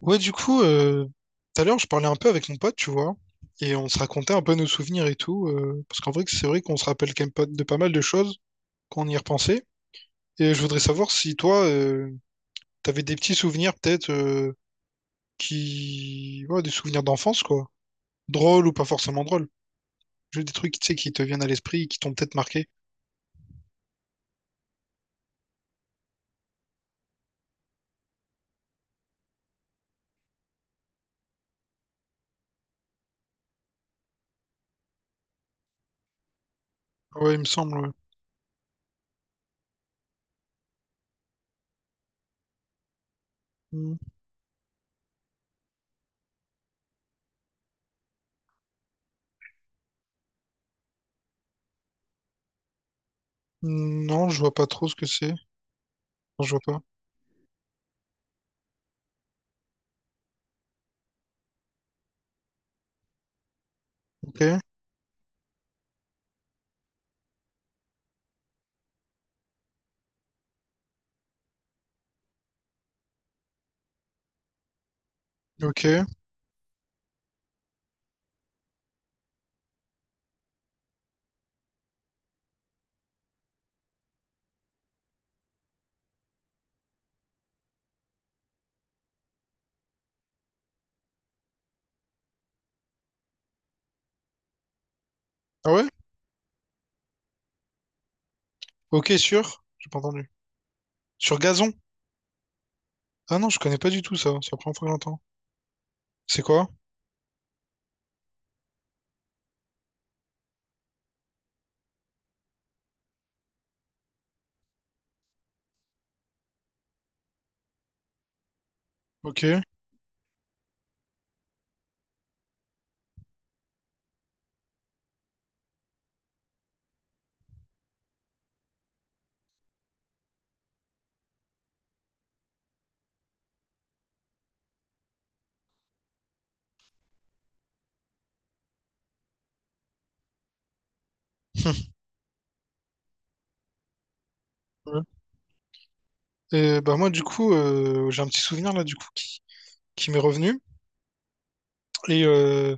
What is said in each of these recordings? Ouais, du coup, tout à l'heure, je parlais un peu avec mon pote, tu vois, et on se racontait un peu nos souvenirs et tout, parce qu'en vrai, c'est vrai qu'on se rappelle quand même pas de pas mal de choses quand on y repensait. Et je voudrais savoir si toi, t'avais des petits souvenirs peut-être ouais, des souvenirs d'enfance quoi, drôles ou pas forcément drôles, juste des trucs, tu sais, qui te viennent à l'esprit, et qui t'ont peut-être marqué. Ouais, il me semble, ouais. Hmm. Non, je vois pas trop ce que c'est. Non, je vois pas. Ok, ok. Ah ouais? Ok, sur? J'ai pas entendu. Sur gazon? Ah non, je connais pas du tout ça. C'est la première fois que j'entends. C'est quoi? Ok. Ouais. Et bah moi du coup j'ai un petit souvenir là du coup qui m'est revenu et euh,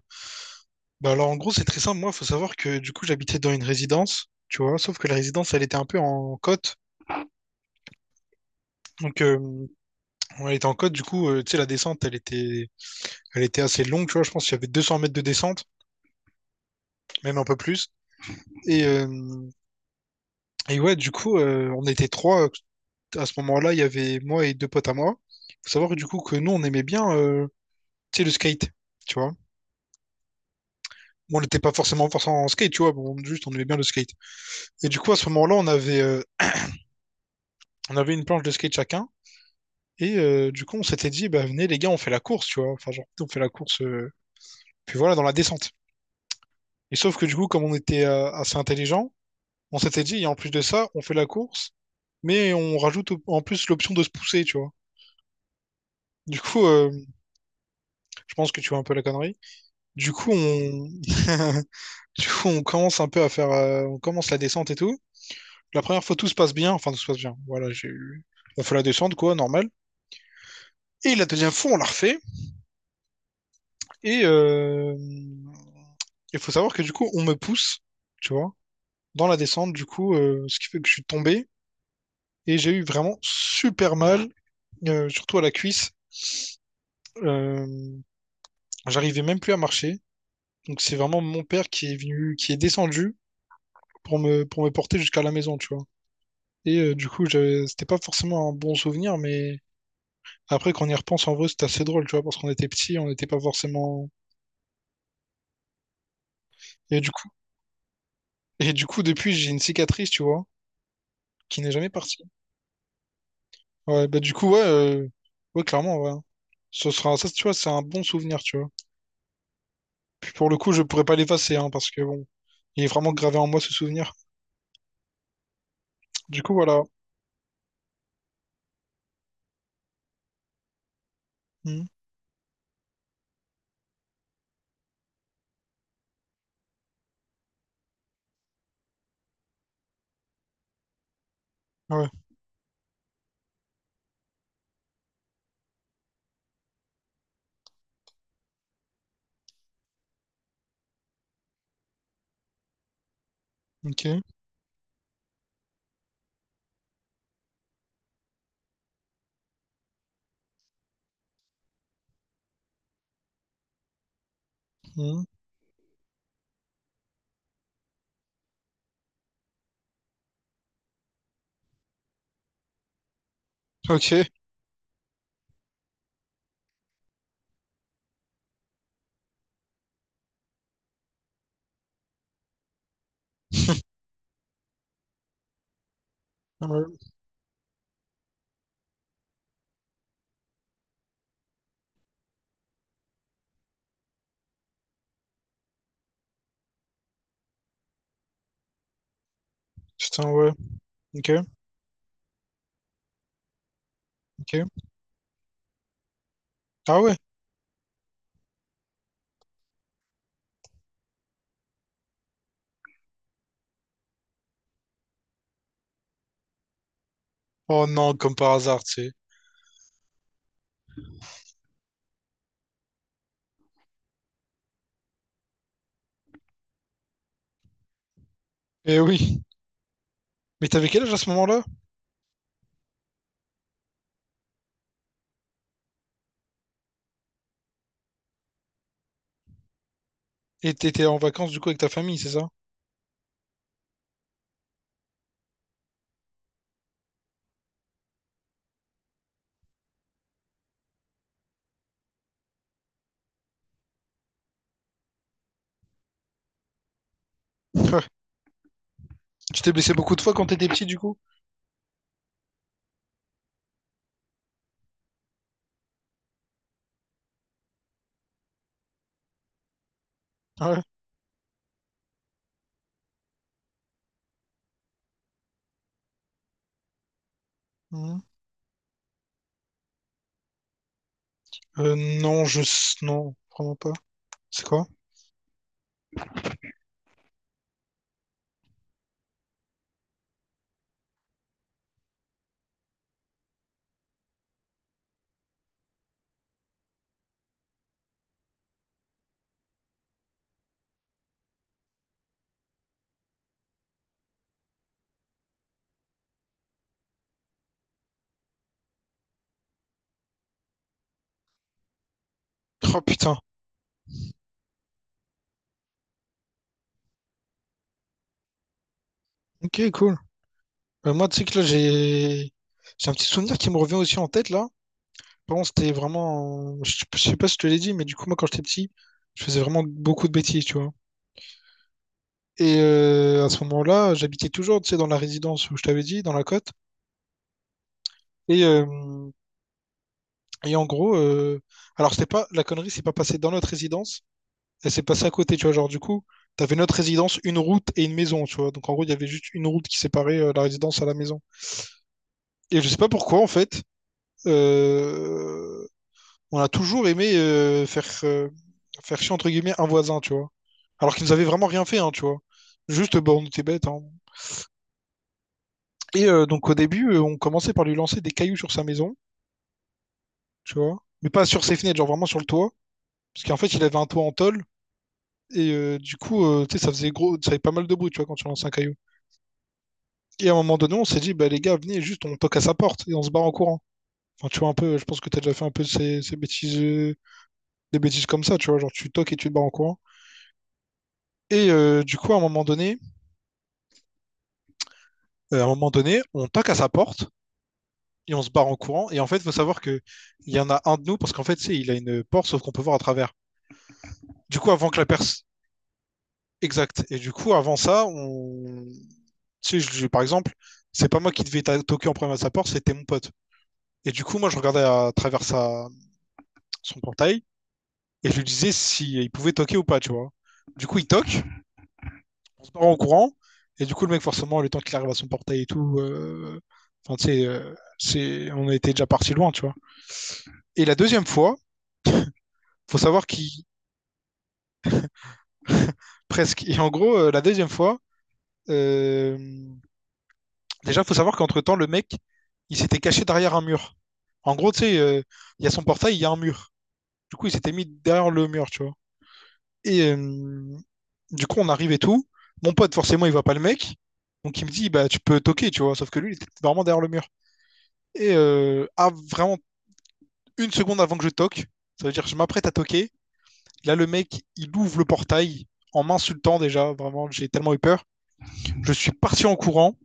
bah alors en gros c'est très simple. Moi, faut savoir que du coup j'habitais dans une résidence, tu vois, sauf que la résidence elle était un peu en côte. Donc elle était en côte. Du coup tu sais, la descente, elle était assez longue, tu vois, je pense qu'il y avait 200 mètres de descente, même un peu plus. Et, euh, et ouais, du coup, on était trois. À ce moment-là, il y avait moi et deux potes à moi. Faut savoir que, du coup que nous, on aimait bien, tu sais, le skate, tu vois. Bon, on n'était pas forcément forcément en skate, tu vois. Bon, juste, on aimait bien le skate. Et du coup, à ce moment-là, on avait une planche de skate chacun. Et du coup, on s'était dit, bah venez les gars, on fait la course, tu vois. Enfin, genre, on fait la course, puis voilà, dans la descente. Et sauf que du coup, comme on était assez intelligent, on s'était dit, et en plus de ça, on fait la course, mais on rajoute en plus l'option de se pousser, tu vois. Du coup, je pense que tu vois un peu la connerie. Du coup, on, du coup, on commence un peu à faire, on commence la descente et tout. La première fois, tout se passe bien, enfin tout se passe bien. Voilà, on fait la descente quoi, normal. Et la deuxième fois, on la refait. Et il faut savoir que du coup, on me pousse, tu vois, dans la descente. Du coup, ce qui fait que je suis tombé et j'ai eu vraiment super mal, surtout à la cuisse. Euh, j'arrivais même plus à marcher. Donc c'est vraiment mon père qui est venu, qui est descendu pour me porter jusqu'à la maison, tu vois. Et du coup, c'était pas forcément un bon souvenir, mais après, quand on y repense, en vrai, c'était assez drôle, tu vois, parce qu'on était petits, on n'était pas forcément. Et du coup, et du coup, depuis, j'ai une cicatrice, tu vois, qui n'est jamais partie. Ouais, bah, du coup, ouais, ouais, clairement, ouais. Ce sera, ça, tu vois, c'est un bon souvenir, tu vois. Puis pour le coup, je pourrais pas l'effacer, hein, parce que bon, il est vraiment gravé en moi, ce souvenir. Du coup, voilà. Hmm. Ouais, ok. Hmm. Ok. Ouais. Putain, ouais. Ok, ok. Ah ouais. Oh non, comme par hasard, tu sais. Eh oui. Mais t'avais quel âge à ce moment-là? Et t'étais en vacances du coup avec ta famille, c'est ça? Ouais. Tu t'es blessé beaucoup de fois quand t'étais petit du coup? Ouais. Mhm. Euh, non, non, vraiment pas. C'est quoi? Oh putain. Ok, cool. Moi, tu sais que là, j'ai... J'ai un petit souvenir qui me revient aussi en tête, là. Vraiment, c'était vraiment. Je sais pas si je te l'ai dit, mais du coup, moi, quand j'étais petit, je faisais vraiment beaucoup de bêtises, tu vois. Et à ce moment-là, j'habitais toujours, tu sais, dans la résidence où je t'avais dit, dans la côte. Et, euh, et en gros, alors c'était pas la connerie, c'est pas passé dans notre résidence, elle s'est passée à côté, tu vois. Genre, du coup, t'avais notre résidence, une route et une maison, tu vois. Donc en gros, il y avait juste une route qui séparait la résidence à la maison. Et je sais pas pourquoi, en fait. euh, on a toujours aimé faire chier entre guillemets un voisin, tu vois. Alors qu'ils nous avaient vraiment rien fait, hein, tu vois. Juste, bah, on était bêtes, hein. Donc au début, on commençait par lui lancer des cailloux sur sa maison, tu vois. Mais pas sur ses fenêtres, genre vraiment sur le toit. Parce qu'en fait, il avait un toit en tôle. Et du coup, tu sais, ça faisait gros, ça faisait pas mal de bruit, tu vois, quand tu lances un caillou. Et à un moment donné, on s'est dit, bah les gars, venez, juste, on toque à sa porte et on se barre en courant. Enfin, tu vois, un peu, je pense que t'as déjà fait un peu ces bêtises, des bêtises comme ça, tu vois, genre tu toques et tu te barres en courant. Et du coup, à un moment donné, on toque à sa porte et on se barre en courant. Et en fait, il faut savoir qu'il y en a un de nous, parce qu'en fait, tu sais, il a une porte, sauf qu'on peut voir à travers. Du coup, avant que la perce. Exact. Et du coup, avant ça, on. Tu sais, par exemple, c'est pas moi qui devais toquer en premier à sa porte, c'était mon pote. Et du coup, moi, je regardais à travers son portail et je lui disais si il pouvait toquer ou pas, tu vois. Du coup, il toque, on se barre en courant. Et du coup, le mec, forcément, le temps qu'il arrive à son portail et tout, enfin, tu sais, c'est... on était déjà parti loin, tu vois. Et la deuxième fois, faut savoir qu'il presque. Et en gros, la deuxième fois, euh, déjà, faut savoir qu'entre-temps, le mec, il s'était caché derrière un mur. En gros, tu sais, il y a son portail, il y a un mur. Du coup, il s'était mis derrière le mur, tu vois. Et du coup, on arrive et tout. Mon pote, forcément, il voit pas le mec. Donc, il me dit, bah, tu peux toquer, tu vois. Sauf que lui, il était vraiment derrière le mur. Et à vraiment 1 seconde avant que je toque, ça veut dire que je m'apprête à toquer. Là, le mec, il ouvre le portail en m'insultant déjà. Vraiment, j'ai tellement eu peur. Je suis parti en courant.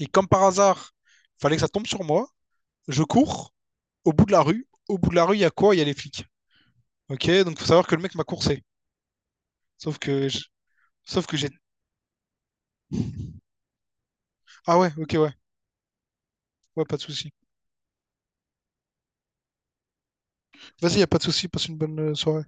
Et comme par hasard, fallait que ça tombe sur moi. Je cours au bout de la rue. Au bout de la rue, il y a quoi? Il y a les flics. Ok, donc faut savoir que le mec m'a coursé. Sauf que je- sauf que j'ai. Ah ouais, ok, ouais. Ouais, pas de souci. Vas-y, y a pas de souci, passe une bonne soirée.